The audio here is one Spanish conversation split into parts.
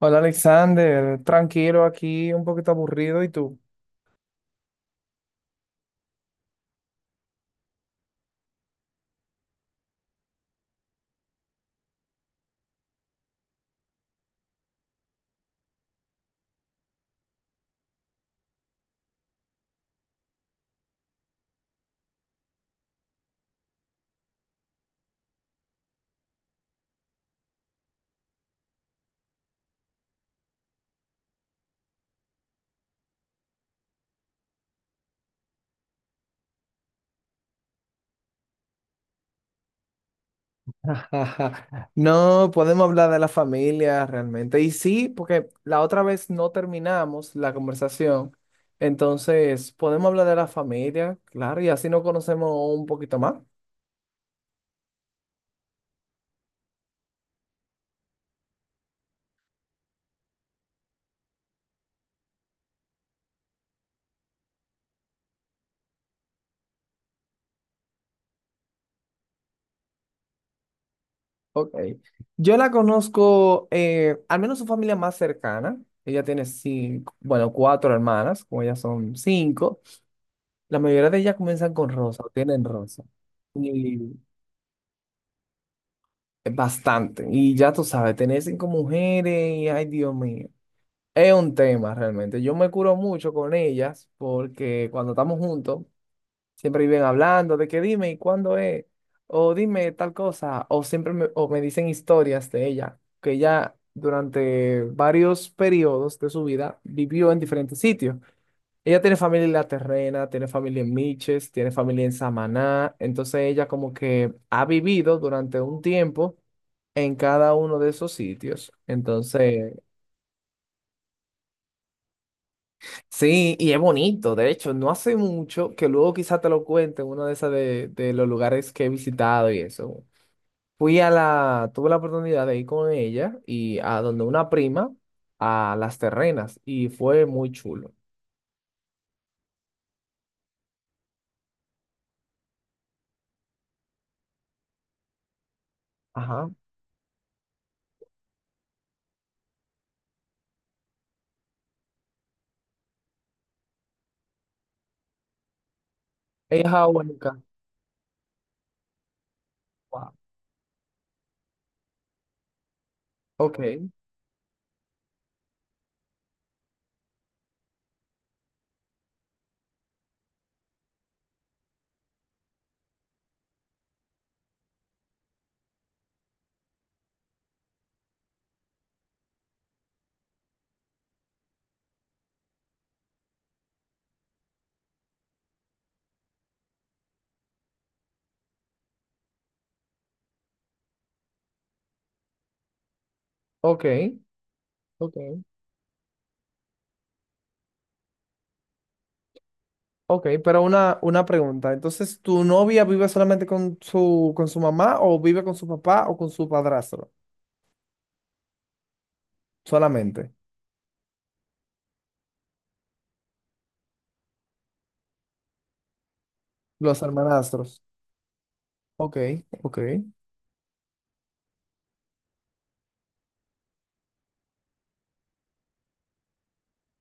Hola Alexander, tranquilo aquí, un poquito aburrido, ¿y tú? No, podemos hablar de la familia realmente. Y sí, porque la otra vez no terminamos la conversación, entonces podemos hablar de la familia, claro, y así nos conocemos un poquito más. Ok. Yo la conozco, al menos su familia más cercana. Ella tiene cinco, bueno, cuatro hermanas, como ellas son cinco. La mayoría de ellas comienzan con Rosa, o tienen Rosa. Bastante. Y ya tú sabes, tener cinco mujeres, y, ay Dios mío, es un tema realmente. Yo me curo mucho con ellas porque cuando estamos juntos, siempre viven hablando de que dime y cuándo es, o dime tal cosa, o siempre me, o me dicen historias de ella, que ella durante varios periodos de su vida vivió en diferentes sitios. Ella tiene familia en La Terrena, tiene familia en Miches, tiene familia en Samaná. Entonces ella como que ha vivido durante un tiempo en cada uno de esos sitios. Entonces, sí, y es bonito. De hecho, no hace mucho que luego quizá te lo cuente uno de esas de los lugares que he visitado y eso. Fui a tuve la oportunidad de ir con ella y a donde una prima, a Las Terrenas, y fue muy chulo. Ajá. Ella es jamaicana. Wow. Ok, ok. Ok, ok, pero una pregunta. Entonces, ¿tu novia vive solamente con su mamá o vive con su papá o con su padrastro? Solamente. Los hermanastros. Ok, ok.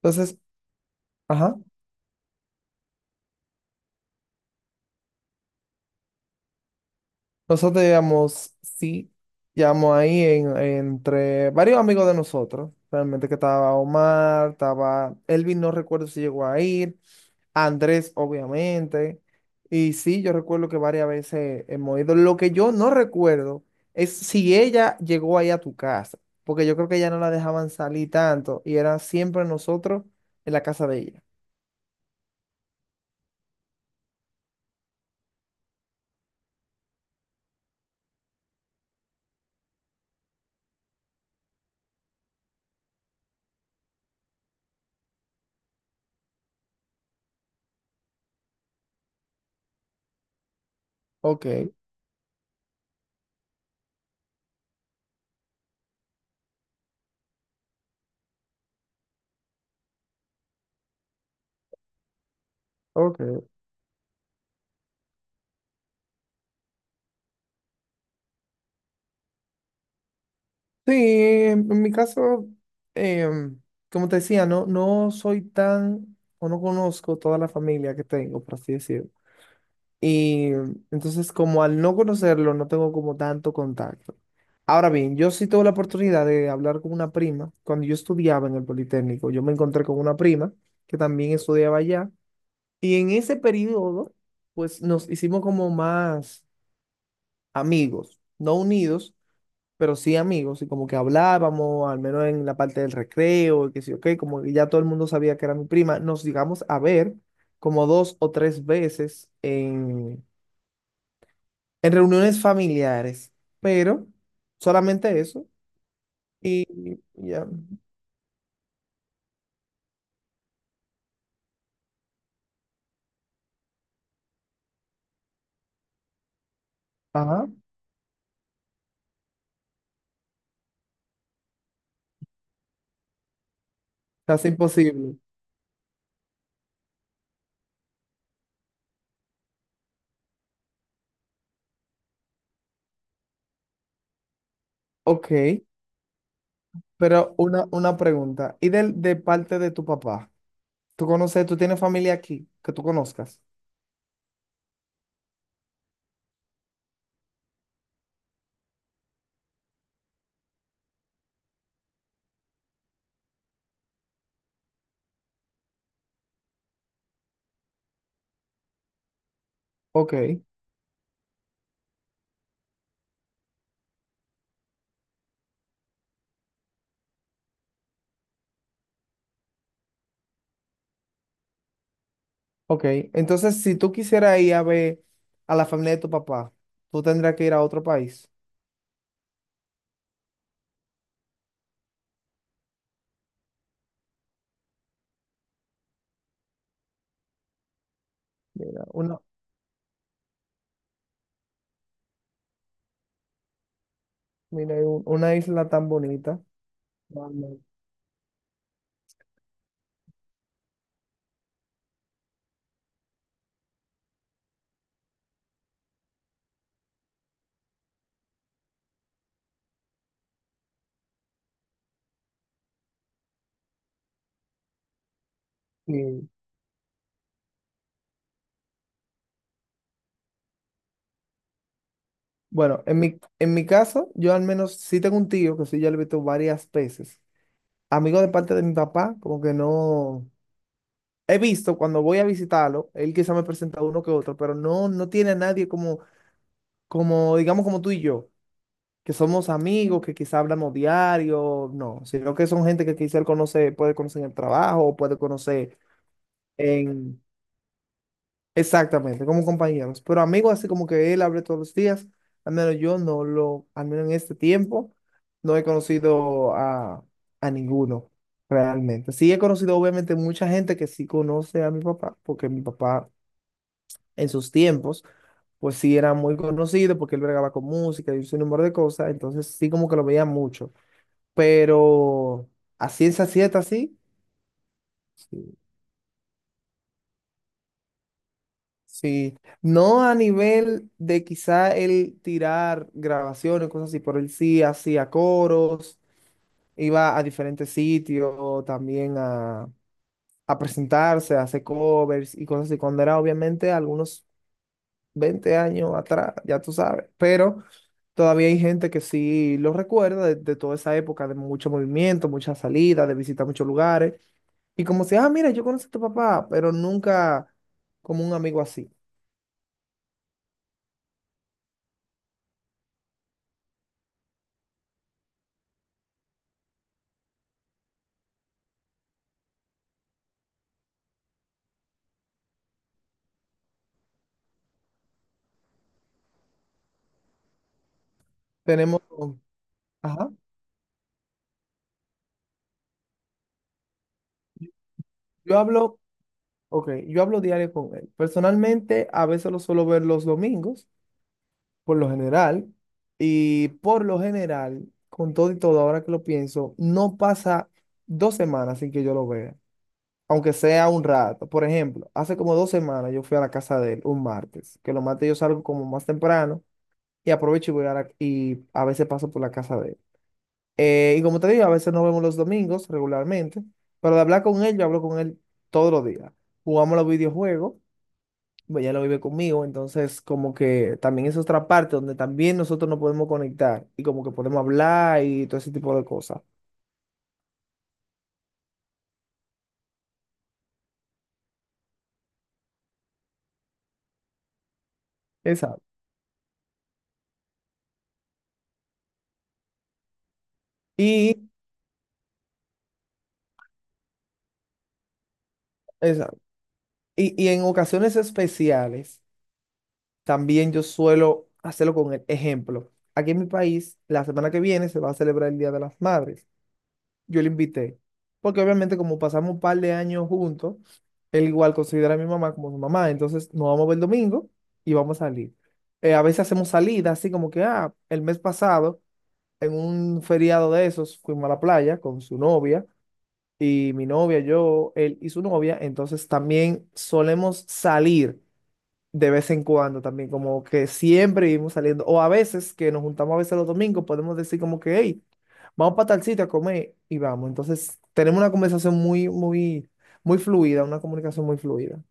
Entonces, ajá. Nosotros llegamos, sí, llegamos ahí entre varios amigos de nosotros. Realmente que estaba Omar, estaba Elvin, no recuerdo si llegó a ir, Andrés, obviamente. Y sí, yo recuerdo que varias veces hemos ido. Lo que yo no recuerdo es si ella llegó ahí a tu casa, porque yo creo que ella no la dejaban salir tanto y era siempre nosotros en la casa de ella. Ok, ok. Sí, en mi caso, em, como te decía, no, no soy tan, o no conozco toda la familia que tengo, por así decirlo. Y entonces, como al no conocerlo, no tengo como tanto contacto. Ahora bien, yo sí tuve la oportunidad de hablar con una prima. Cuando yo estudiaba en el Politécnico, yo me encontré con una prima que también estudiaba allá. Y en ese periodo, pues nos hicimos como más amigos, no unidos pero sí amigos, y como que hablábamos, al menos en la parte del recreo, y que sí, ok, como que ya todo el mundo sabía que era mi prima, nos llegamos a ver como dos o tres veces en reuniones familiares, pero solamente eso, y y ya, ajá, casi imposible. Ok, pero una pregunta, ¿y del de parte de tu papá? ¿Tú conoces, tú tienes familia aquí que tú conozcas? Ok. Ok, entonces si tú quisieras ir a ver a la familia de tu papá, tú tendrías que ir a otro país. Mira, una, mira, hay una isla tan bonita. Vale. Y, Bueno, en mi caso, yo al menos sí tengo un tío que sí, yo lo he visto varias veces. Amigo de parte de mi papá, como que no. He visto cuando voy a visitarlo, él quizá me presenta uno que otro, pero no, no tiene a nadie digamos, como tú y yo. Que somos amigos, que quizá hablamos diario, no, sino que son gente que quizá él conoce, puede conocer en el trabajo, o puede conocer en, exactamente, como compañeros, pero amigos así como que él hable todos los días, al menos yo no lo, al menos en este tiempo, no he conocido a ninguno realmente. Sí he conocido obviamente mucha gente que sí conoce a mi papá, porque mi papá en sus tiempos pues sí era muy conocido porque él bregaba con música y un sinnúmero de cosas, entonces sí como que lo veía mucho. Pero a ciencia cierta, así sí. Sí. No a nivel de quizá él tirar grabaciones, cosas así, pero él sí hacía coros, iba a diferentes sitios también a presentarse, a hacer covers y cosas así, cuando era obviamente algunos 20 años atrás, ya tú sabes, pero todavía hay gente que sí lo recuerda de toda esa época de mucho movimiento, muchas salidas, de visitar muchos lugares. Y como si, ah, mira, yo conozco a tu papá, pero nunca como un amigo así. Tenemos, ajá, yo hablo, ok, yo hablo diario con él. Personalmente, a veces lo suelo ver los domingos, por lo general, y por lo general, con todo y todo, ahora que lo pienso, no pasa 2 semanas sin que yo lo vea, aunque sea un rato. Por ejemplo, hace como 2 semanas yo fui a la casa de él un martes, que los martes yo salgo como más temprano y aprovecho y voy a y a veces paso por la casa de él. Y como te digo, a veces nos vemos los domingos regularmente, pero de hablar con él, yo hablo con él todos los días. Jugamos los videojuegos, pues, ya lo vive conmigo, entonces como que también es otra parte donde también nosotros nos podemos conectar y como que podemos hablar y todo ese tipo de cosas. Exacto. Y, exacto. Y, en ocasiones especiales, también yo suelo hacerlo con el ejemplo. Aquí en mi país, la semana que viene se va a celebrar el Día de las Madres. Yo le invité, porque obviamente como pasamos un par de años juntos, él igual considera a mi mamá como su mamá, entonces nos vamos a ver el domingo y vamos a salir. A veces hacemos salidas, así como que, ah, el mes pasado, en un feriado de esos, fuimos a la playa con su novia y mi novia, yo, él y su novia, entonces también solemos salir de vez en cuando también, como que siempre vivimos saliendo, o a veces que nos juntamos a veces los domingos, podemos decir como que, hey, vamos para tal sitio a comer y vamos. Entonces tenemos una conversación muy, muy, muy fluida, una comunicación muy fluida.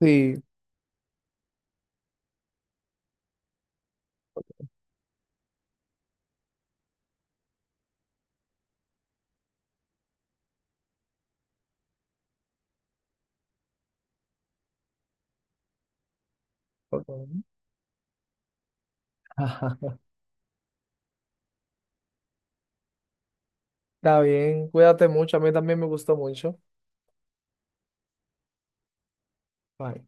Sí, ok. Está bien, cuídate mucho, a mí también me gustó mucho. Bye.